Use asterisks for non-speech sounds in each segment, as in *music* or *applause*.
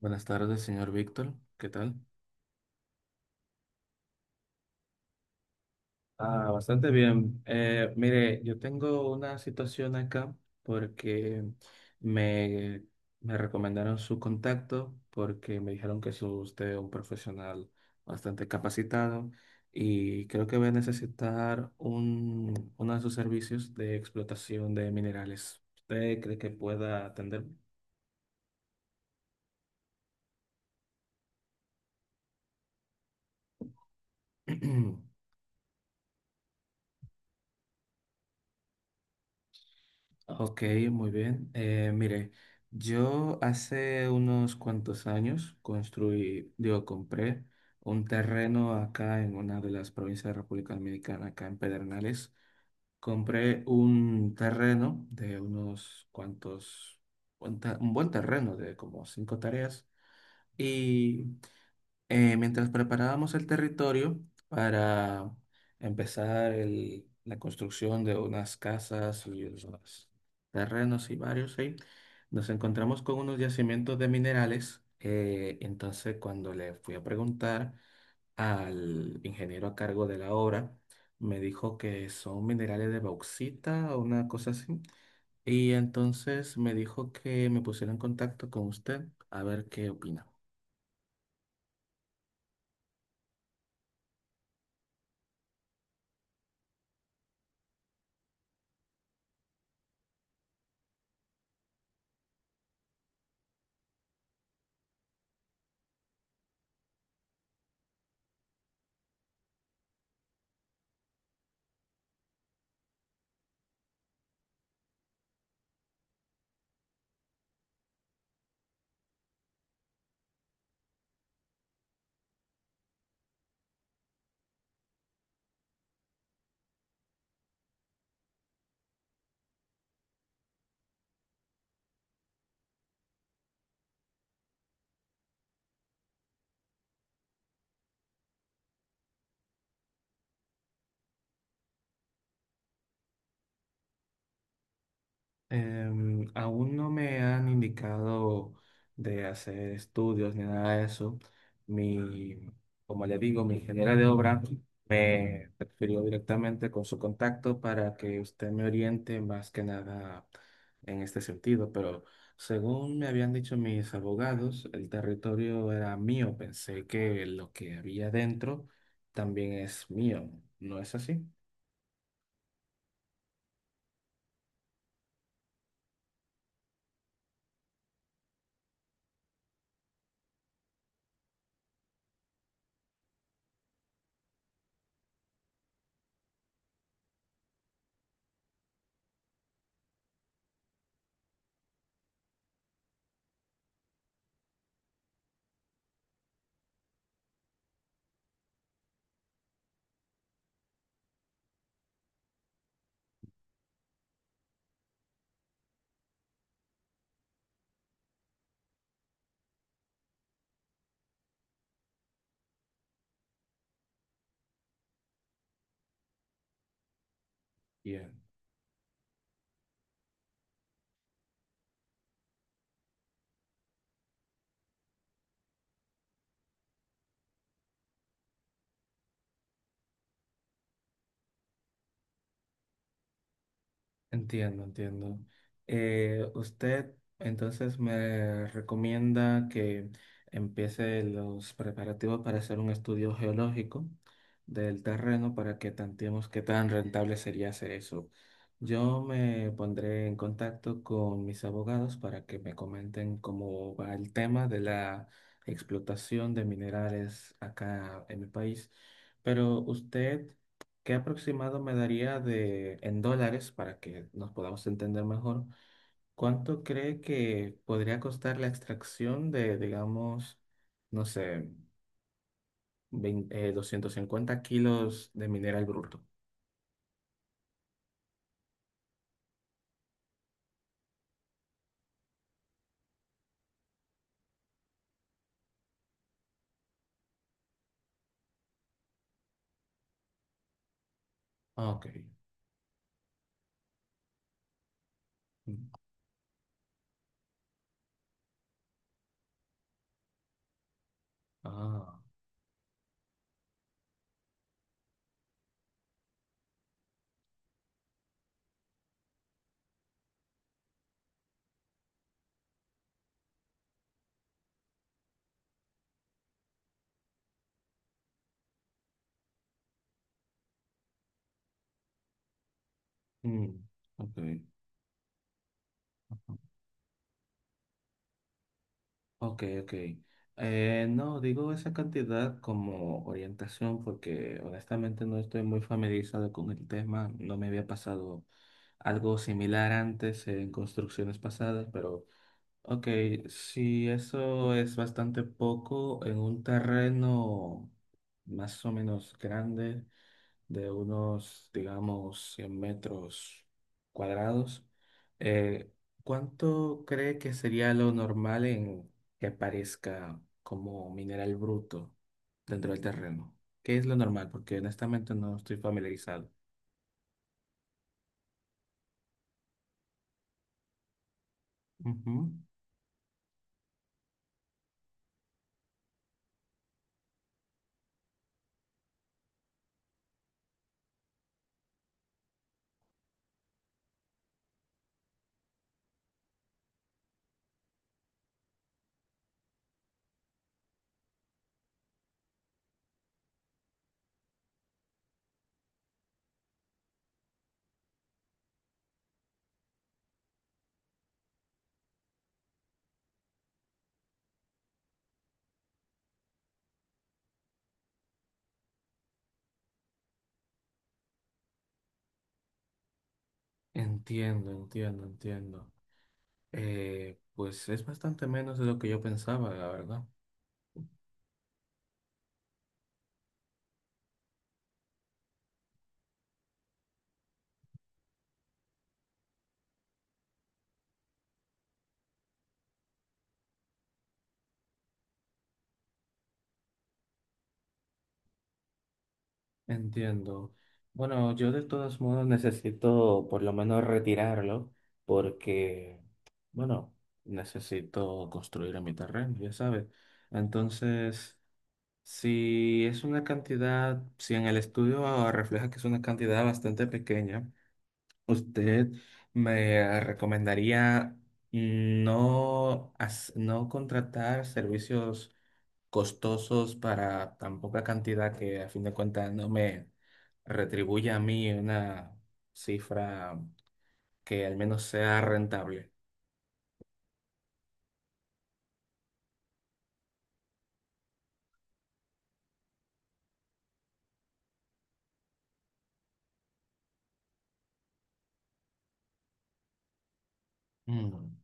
Buenas tardes, señor Víctor. ¿Qué tal? Ah, bastante bien. Mire, yo tengo una situación acá porque me, me recomendaron su contacto porque me dijeron que es usted un profesional bastante capacitado y creo que voy a necesitar uno de sus servicios de explotación de minerales. ¿Usted cree que pueda atenderme? *clears throat* Ok, muy bien. Mire, yo hace unos cuantos años construí, digo, compré un terreno acá en una de las provincias de República Dominicana, acá en Pedernales. Compré un terreno de unos cuantos, un buen terreno de como 5 tareas y mientras preparábamos el territorio para empezar la construcción de unas casas y unos terrenos y varios ahí, nos encontramos con unos yacimientos de minerales. Entonces, cuando le fui a preguntar al ingeniero a cargo de la obra, me dijo que son minerales de bauxita o una cosa así. Y entonces me dijo que me pusiera en contacto con usted a ver qué opina. Aún no me han indicado de hacer estudios ni nada de eso. Mi, Como le digo, mi ingeniera de obra me refirió directamente con su contacto para que usted me oriente más que nada en este sentido. Pero según me habían dicho mis abogados, el territorio era mío. Pensé que lo que había dentro también es mío. ¿No es así? Bien. Entiendo, entiendo. Usted entonces me recomienda que empiece los preparativos para hacer un estudio geológico del terreno para que tanteemos qué tan rentable sería hacer eso. Yo me pondré en contacto con mis abogados para que me comenten cómo va el tema de la explotación de minerales acá en mi país. Pero usted. ¿Qué aproximado me daría de en dólares para que nos podamos entender mejor? ¿Cuánto cree que podría costar la extracción de, digamos, no sé, 20 250 kilos de mineral bruto? Ah, ok. Mm. Ah, mm, ok. Ok, ok. No, digo esa cantidad como orientación porque honestamente no estoy muy familiarizado con el tema. No me había pasado algo similar antes en construcciones pasadas, pero ok, si eso es bastante poco en un terreno más o menos grande, de unos, digamos, 100 metros cuadrados. Eh, ¿Cuánto cree que sería lo normal en que aparezca como mineral bruto dentro del terreno? ¿Qué es lo normal? Porque honestamente no estoy familiarizado. Ujú. Entiendo, entiendo, entiendo. Pues es bastante menos de lo que yo pensaba, la verdad. Entiendo. Bueno, yo de todos modos necesito por lo menos retirarlo porque, bueno, necesito construir en mi terreno, ya sabes. Entonces, si es una cantidad, si en el estudio refleja que es una cantidad bastante pequeña, usted me recomendaría no contratar servicios costosos para tan poca cantidad que a fin de cuentas no me retribuye a mí una cifra que al menos sea rentable. Mm.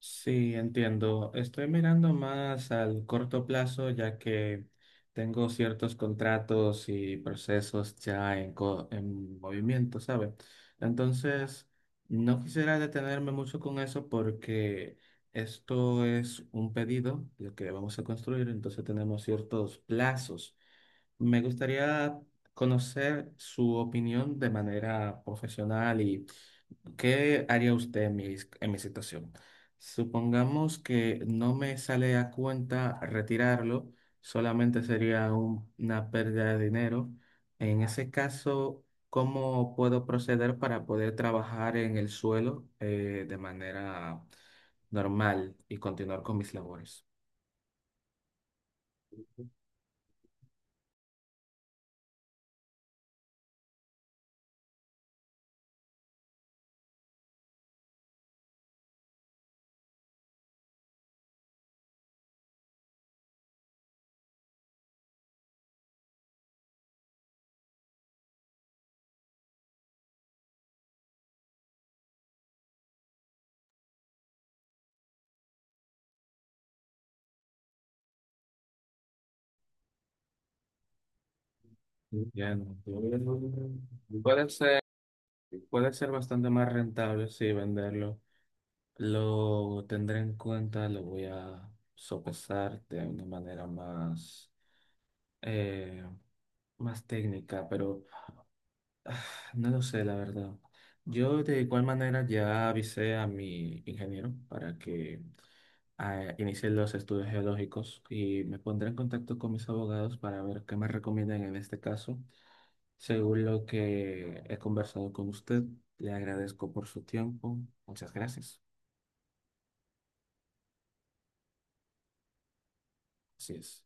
Sí, entiendo. Estoy mirando más al corto plazo, ya que tengo ciertos contratos y procesos ya en movimiento, ¿sabes? Entonces, no quisiera detenerme mucho con eso porque esto es un pedido, lo que vamos a construir, entonces tenemos ciertos plazos. Me gustaría conocer su opinión de manera profesional. ¿Qué haría usted en en mi situación? Supongamos que no me sale a cuenta retirarlo, solamente sería una pérdida de dinero. En ese caso, ¿cómo puedo proceder para poder trabajar en el suelo de manera normal y continuar con mis labores? Bien, puede ser, puede ser bastante más rentable, sí, venderlo. Lo tendré en cuenta, lo voy a sopesar de una manera eh, más técnica, pero ah, no lo sé, la verdad. Yo de igual manera ya avisé a mi ingeniero para que inicie los estudios geológicos y me pondré en contacto con mis abogados para ver qué me recomiendan en este caso. Según lo que he conversado con usted, le agradezco por su tiempo. Muchas gracias. Así es.